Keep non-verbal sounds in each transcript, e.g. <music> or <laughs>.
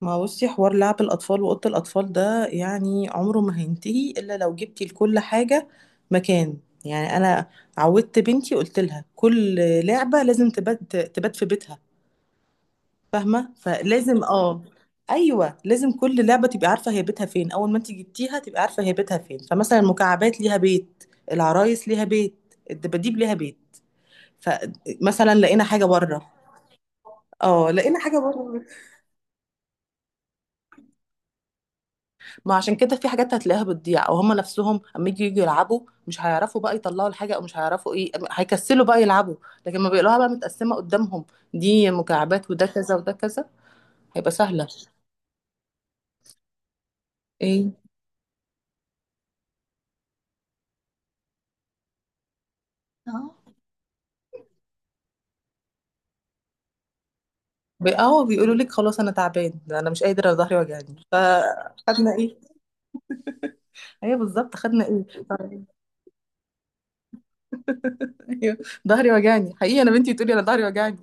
ما بصي، حوار لعب الأطفال وأوضة الأطفال ده يعني عمره ما هينتهي إلا لو جبتي لكل حاجة مكان. يعني أنا عودت بنتي، قلت لها كل لعبة لازم تبات، تبات في بيتها. فاهمة؟ فلازم أيوة لازم كل لعبة تبقى عارفة هي بيتها فين، أول ما أنت جبتيها تبقى عارفة هي بيتها فين. فمثلا المكعبات ليها بيت، العرايس ليها بيت، الدباديب ليها بيت. فمثلا لقينا حاجة بره، اه لقينا حاجة بره. ما عشان كده في حاجات هتلاقيها بتضيع، او هم نفسهم اما يجوا يلعبوا مش هيعرفوا بقى يطلعوا الحاجه، او مش هيعرفوا ايه، هيكسلوا بقى يلعبوا. لكن ما بيقولوها بقى متقسمه قدامهم، دي مكعبات وده كذا وده كذا، هيبقى سهله. ايه؟ اه بيقولوا لك خلاص انا تعبان، ده انا مش قادر، أنا ظهري وجعني. فخدنا ايه؟ ايوه بالظبط، خدنا ايه. <laughs> أيوة، ظهري وجعني حقيقي، انا بنتي بتقولي انا ظهري وجعني.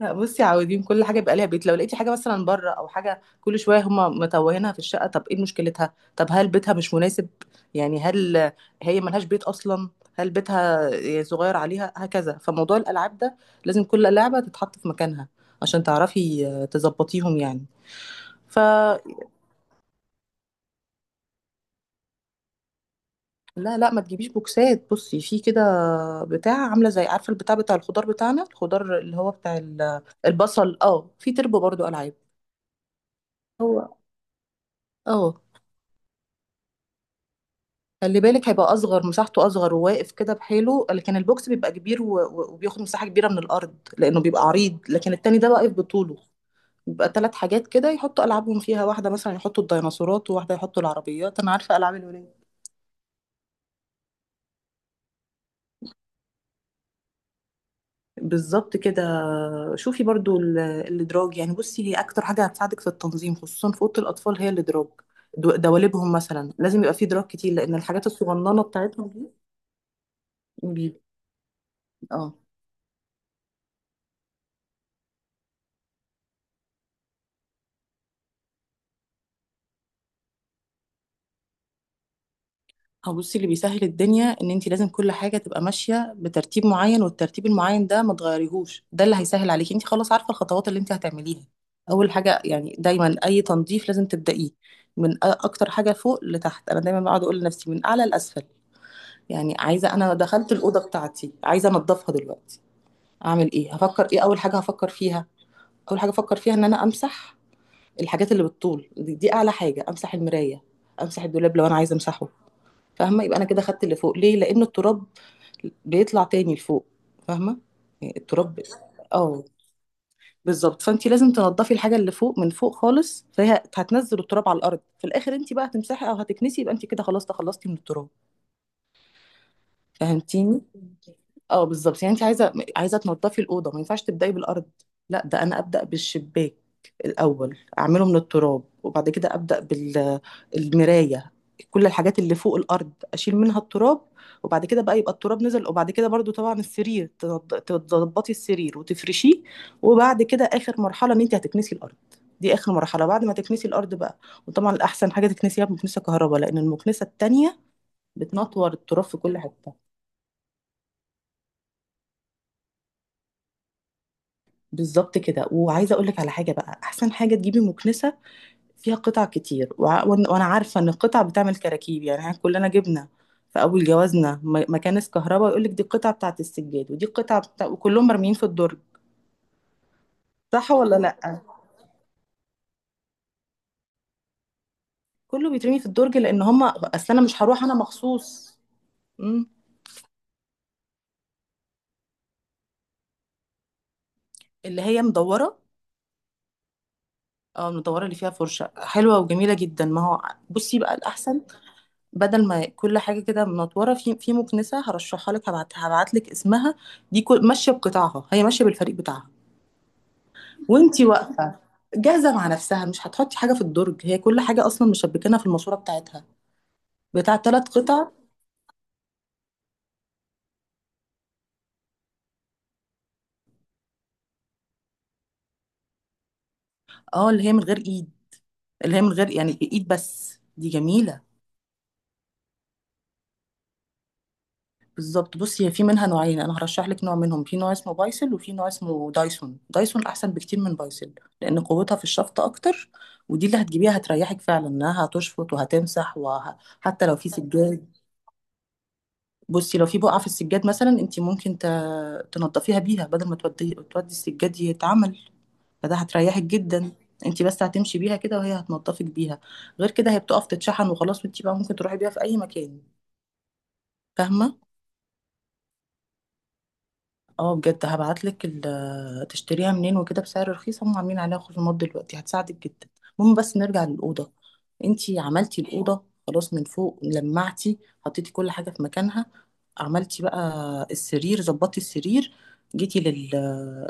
لا بصي، عاوزين كل حاجه يبقى ليها بيت. لو لقيتي حاجه مثلا بره او حاجه كل شويه هما متوهينها في الشقه، طب ايه مشكلتها؟ طب هل بيتها مش مناسب؟ يعني هل هي ملهاش بيت اصلا؟ هل بيتها صغير عليها؟ هكذا. فموضوع الالعاب ده لازم كل لعبه تتحط في مكانها عشان تعرفي آه، تظبطيهم يعني. ف لا لا، ما تجيبيش بوكسات. بصي في كده بتاع، عامله زي، عارفه البتاع بتاع الخضار بتاعنا، الخضار اللي هو بتاع البصل. اه في تربو برضو العاب. هو اه خلي بالك هيبقى اصغر، مساحته اصغر وواقف كده بحاله، لكن البوكس بيبقى كبير و... و- وبياخد مساحه كبيره من الارض لانه بيبقى عريض، لكن التاني ده واقف بطوله. بيبقى ثلاث حاجات كده يحطوا العابهم فيها، واحده مثلا يحطوا الديناصورات وواحده يحطوا العربيات، انا عارفه العاب الولاد. بالظبط كده. شوفي برضو الادراج، يعني بصي هي اكتر حاجه هتساعدك في التنظيم خصوصا في اوضه الاطفال هي الادراج. دواليبهم مثلا لازم يبقى فيه دراج كتير لان الحاجات الصغننه بتاعتهم دي. بي... اه هو بصي اللي بيسهل الدنيا ان انت لازم كل حاجه تبقى ماشيه بترتيب معين، والترتيب المعين ده ما تغيريهوش، ده اللي هيسهل عليكي، انت خلاص عارفه الخطوات اللي انت هتعمليها. اول حاجه يعني، دايما اي تنظيف لازم تبدايه من اكتر حاجه فوق لتحت. انا دايما بقعد اقول لنفسي من اعلى لاسفل. يعني عايزه، انا دخلت الاوضه بتاعتي عايزه انضفها دلوقتي، اعمل ايه؟ هفكر ايه؟ اول حاجه هفكر فيها، اول حاجه افكر فيها ان انا امسح الحاجات اللي بتطول دي، اعلى حاجه، امسح المرايه، امسح الدولاب لو انا عايزه امسحه. فاهمة؟ يبقى أنا كده خدت اللي فوق، ليه؟ لأن التراب بيطلع تاني لفوق. فاهمة؟ يعني التراب، اه بالظبط. فأنت لازم تنضفي الحاجة اللي فوق من فوق خالص، فهي هتنزل التراب على الأرض، في الآخر أنت بقى هتمسحي أو هتكنسي، يبقى أنت كده خلاص تخلصتي من التراب. فهمتيني؟ اه بالظبط. يعني انت عايزه تنضفي الاوضه، ما ينفعش تبداي بالارض. لا، ده انا ابدا بالشباك الاول، اعمله من التراب، وبعد كده ابدا بالمرايه، كل الحاجات اللي فوق الارض اشيل منها التراب، وبعد كده بقى يبقى التراب نزل. وبعد كده برضو طبعا السرير، تظبطي السرير وتفرشيه. وبعد كده اخر مرحله ان انت هتكنسي الارض، دي اخر مرحله. بعد ما تكنسي الارض بقى، وطبعا الاحسن حاجه تكنسيها بمكنسه كهرباء لان المكنسه التانية بتنطور التراب في كل حته. بالظبط كده. وعايزه اقول لك على حاجه بقى، احسن حاجه تجيبي مكنسه فيها قطع كتير. وع- وأن- وانا عارفه ان القطع بتعمل كراكيب، يعني احنا كلنا جبنا في اول جوازنا مكانس كهرباء يقول لك دي القطعه بتاعه السجاد ودي القطعه بتاع، وكلهم مرميين في الدرج. صح ولا لا؟ كله بيترمي في الدرج، لان هم اصل انا مش هروح انا مخصوص. مم. اللي هي مدوره، اه المدوره اللي فيها فرشه حلوه وجميله جدا، ما هو بصي بقى الاحسن. بدل ما كل حاجه كده منطوره في مكنسه، هرشحها لك، هبعت لك اسمها. دي كل ماشيه بقطاعها، هي ماشيه بالفريق بتاعها وانتي واقفه، جاهزه مع نفسها. مش هتحطي حاجه في الدرج، هي كل حاجه اصلا مشبكينها في الماسوره بتاعتها، بتاع ثلاث قطع. اه اللي هي من غير ايد، اللي هي من غير يعني بايد، بس دي جميله. بالظبط. بصي هي في منها نوعين، انا هرشح لك نوع منهم. في نوع اسمه بايسل وفي نوع اسمه دايسون. دايسون احسن بكتير من بايسل، لان قوتها في الشفط اكتر. ودي اللي هتجيبيها هتريحك فعلا، انها هتشفط وهتمسح وحتى لو في سجاد. بصي لو في بقعه في السجاد مثلا، انت ممكن تنضفيها بيها بدل ما تودي السجاد يتعمل، فده هتريحك جدا. انت بس هتمشي بيها كده وهي هتنضفك بيها. غير كده هي بتقف تتشحن وخلاص، وانت بقى ممكن تروحي بيها في اي مكان. فاهمه؟ اه بجد، هبعتلك تشتريها منين وكده بسعر رخيص، هم عاملين عليها خصومات دلوقتي، هتساعدك جدا. المهم بس نرجع للأوضة. انتي عملتي الأوضة خلاص، من فوق لمعتي، حطيتي كل حاجة في مكانها، عملتي بقى السرير، ظبطتي السرير، جيتي لل...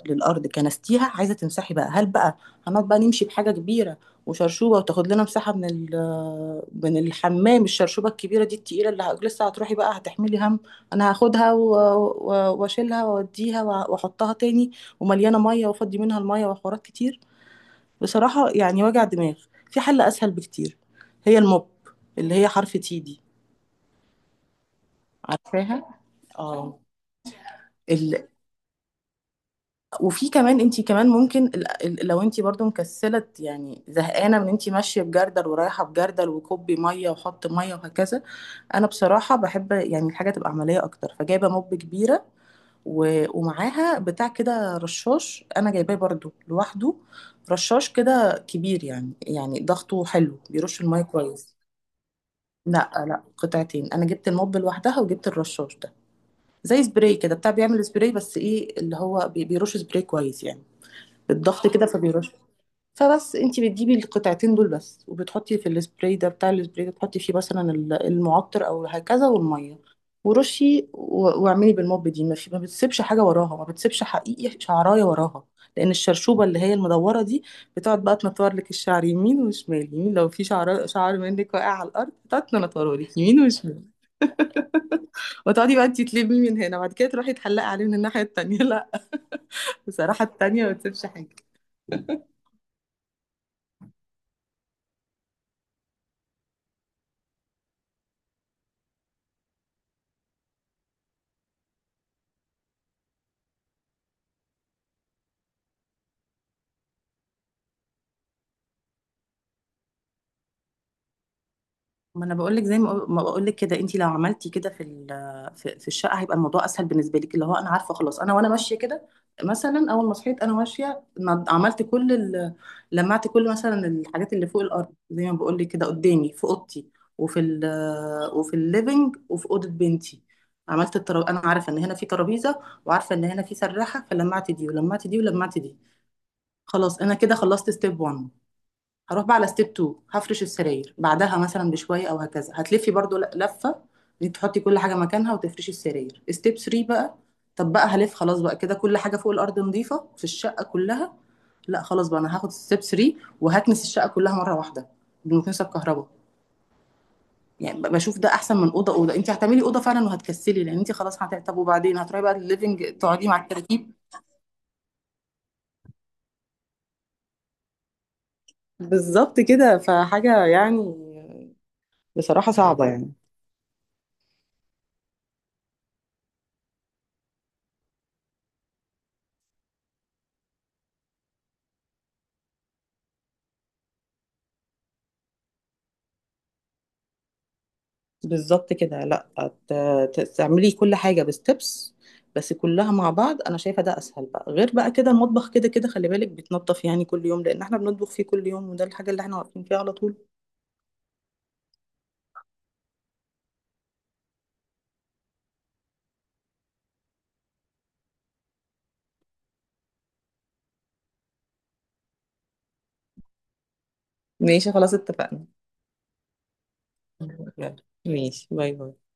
للأرض كنستيها، عايزة تمسحي بقى، هل بقى هنقعد بقى نمشي بحاجة كبيرة وشرشوبة وتاخد لنا مساحة من من الحمام، الشرشوبة الكبيرة دي التقيلة اللي لسه هتروحي بقى هتحملي هم انا هاخدها و- و- واشيلها واوديها وع- واحطها تاني، ومليانه ميه وافضي منها الميه وحوارات كتير، بصراحه يعني وجع دماغ؟ في حل اسهل بكتير، هي الموب اللي هي حرف تي دي، عارفاها؟ اه. ال... وفي كمان انت كمان ممكن لو انت برضو مكسله، يعني زهقانه من انت ماشيه بجردل ورايحه بجردل وكبي ميه وحط ميه وهكذا. انا بصراحه بحب يعني الحاجه تبقى عمليه اكتر، فجايبه موب كبيره و- ومعاها بتاع كده رشاش انا جايباه برضو لوحده، رشاش كده كبير يعني ضغطه حلو بيرش الميه كويس. لا لا قطعتين، انا جبت الموب لوحدها وجبت الرشاش ده، زي سبراي كده، بتاع بيعمل سبراي، بس ايه اللي هو بيرش سبراي كويس يعني، بالضغط كده فبيرش. فبس انت بتجيبي القطعتين دول بس وبتحطي في السبراي ده، بتاع السبراي ده تحطي فيه مثلا المعطر او هكذا والميه ورشي، و- واعملي بالموب دي، ما بتسيبش حاجه وراها، ما بتسيبش حقيقي شعرايه وراها. لان الشرشوبه اللي هي المدوره دي بتقعد بقى تنطور لك الشعر يمين وشمال يمين، لو في شعر منك واقع على الارض تقعد تنطوره لك يمين وشمال، وتقعدي بقى انت تلمي من هنا، بعد كده تروحي تحلقي عليه من الناحيه التانيه. <laughs> لا، بصراحه التانيه ما بتسيبش حاجه. ما انا بقول لك، زي ما بقول لك كده، انت لو عملتي كده في في الشقه هيبقى الموضوع اسهل بالنسبه لك، اللي هو انا عارفه خلاص، انا وانا ماشيه كده مثلا اول ما صحيت انا ماشيه عملت كل لمعت كل مثلا الحاجات اللي فوق الارض، زي ما بقول لك كده قدامي في اوضتي، وفي وفي الليفينج وفي اوضه بنتي، عملت الترابيزه، انا عارفه ان هنا في ترابيزه وعارفه ان هنا في سراحه، فلمعت دي ولمعت دي ولمعت دي. خلاص انا كده خلصت ستيب 1، هروح بقى على ستيب 2، هفرش السراير بعدها مثلا بشويه او هكذا، هتلفي برضو لفه ان انت تحطي كل حاجه مكانها وتفرشي السراير. ستيب 3 بقى، طب بقى هلف خلاص بقى كده كل حاجه فوق الارض نظيفه في الشقه كلها. لا، خلاص بقى انا هاخد ستيب 3 وهكنس الشقه كلها مره واحده بالمكنسه بكهرباء. يعني بشوف ده احسن من اوضه، انت هتعملي اوضه فعلا وهتكسلي، لان انت خلاص طب وبعدين هتروحي بقى الليفنج تقعدي مع الترتيب، بالظبط كده فحاجه يعني بصراحه صعبه يعني. بالظبط كده. لا، ت- تعملي كل حاجه بستبس، بس كلها مع بعض، انا شايفه ده اسهل بقى. غير بقى كده المطبخ كده كده خلي بالك بيتنضف يعني كل يوم لان احنا بنطبخ فيه كل يوم، وده الحاجه اللي احنا واقفين فيها على طول. ماشي خلاص اتفقنا. <laughs> يلا ماشي، باي باي.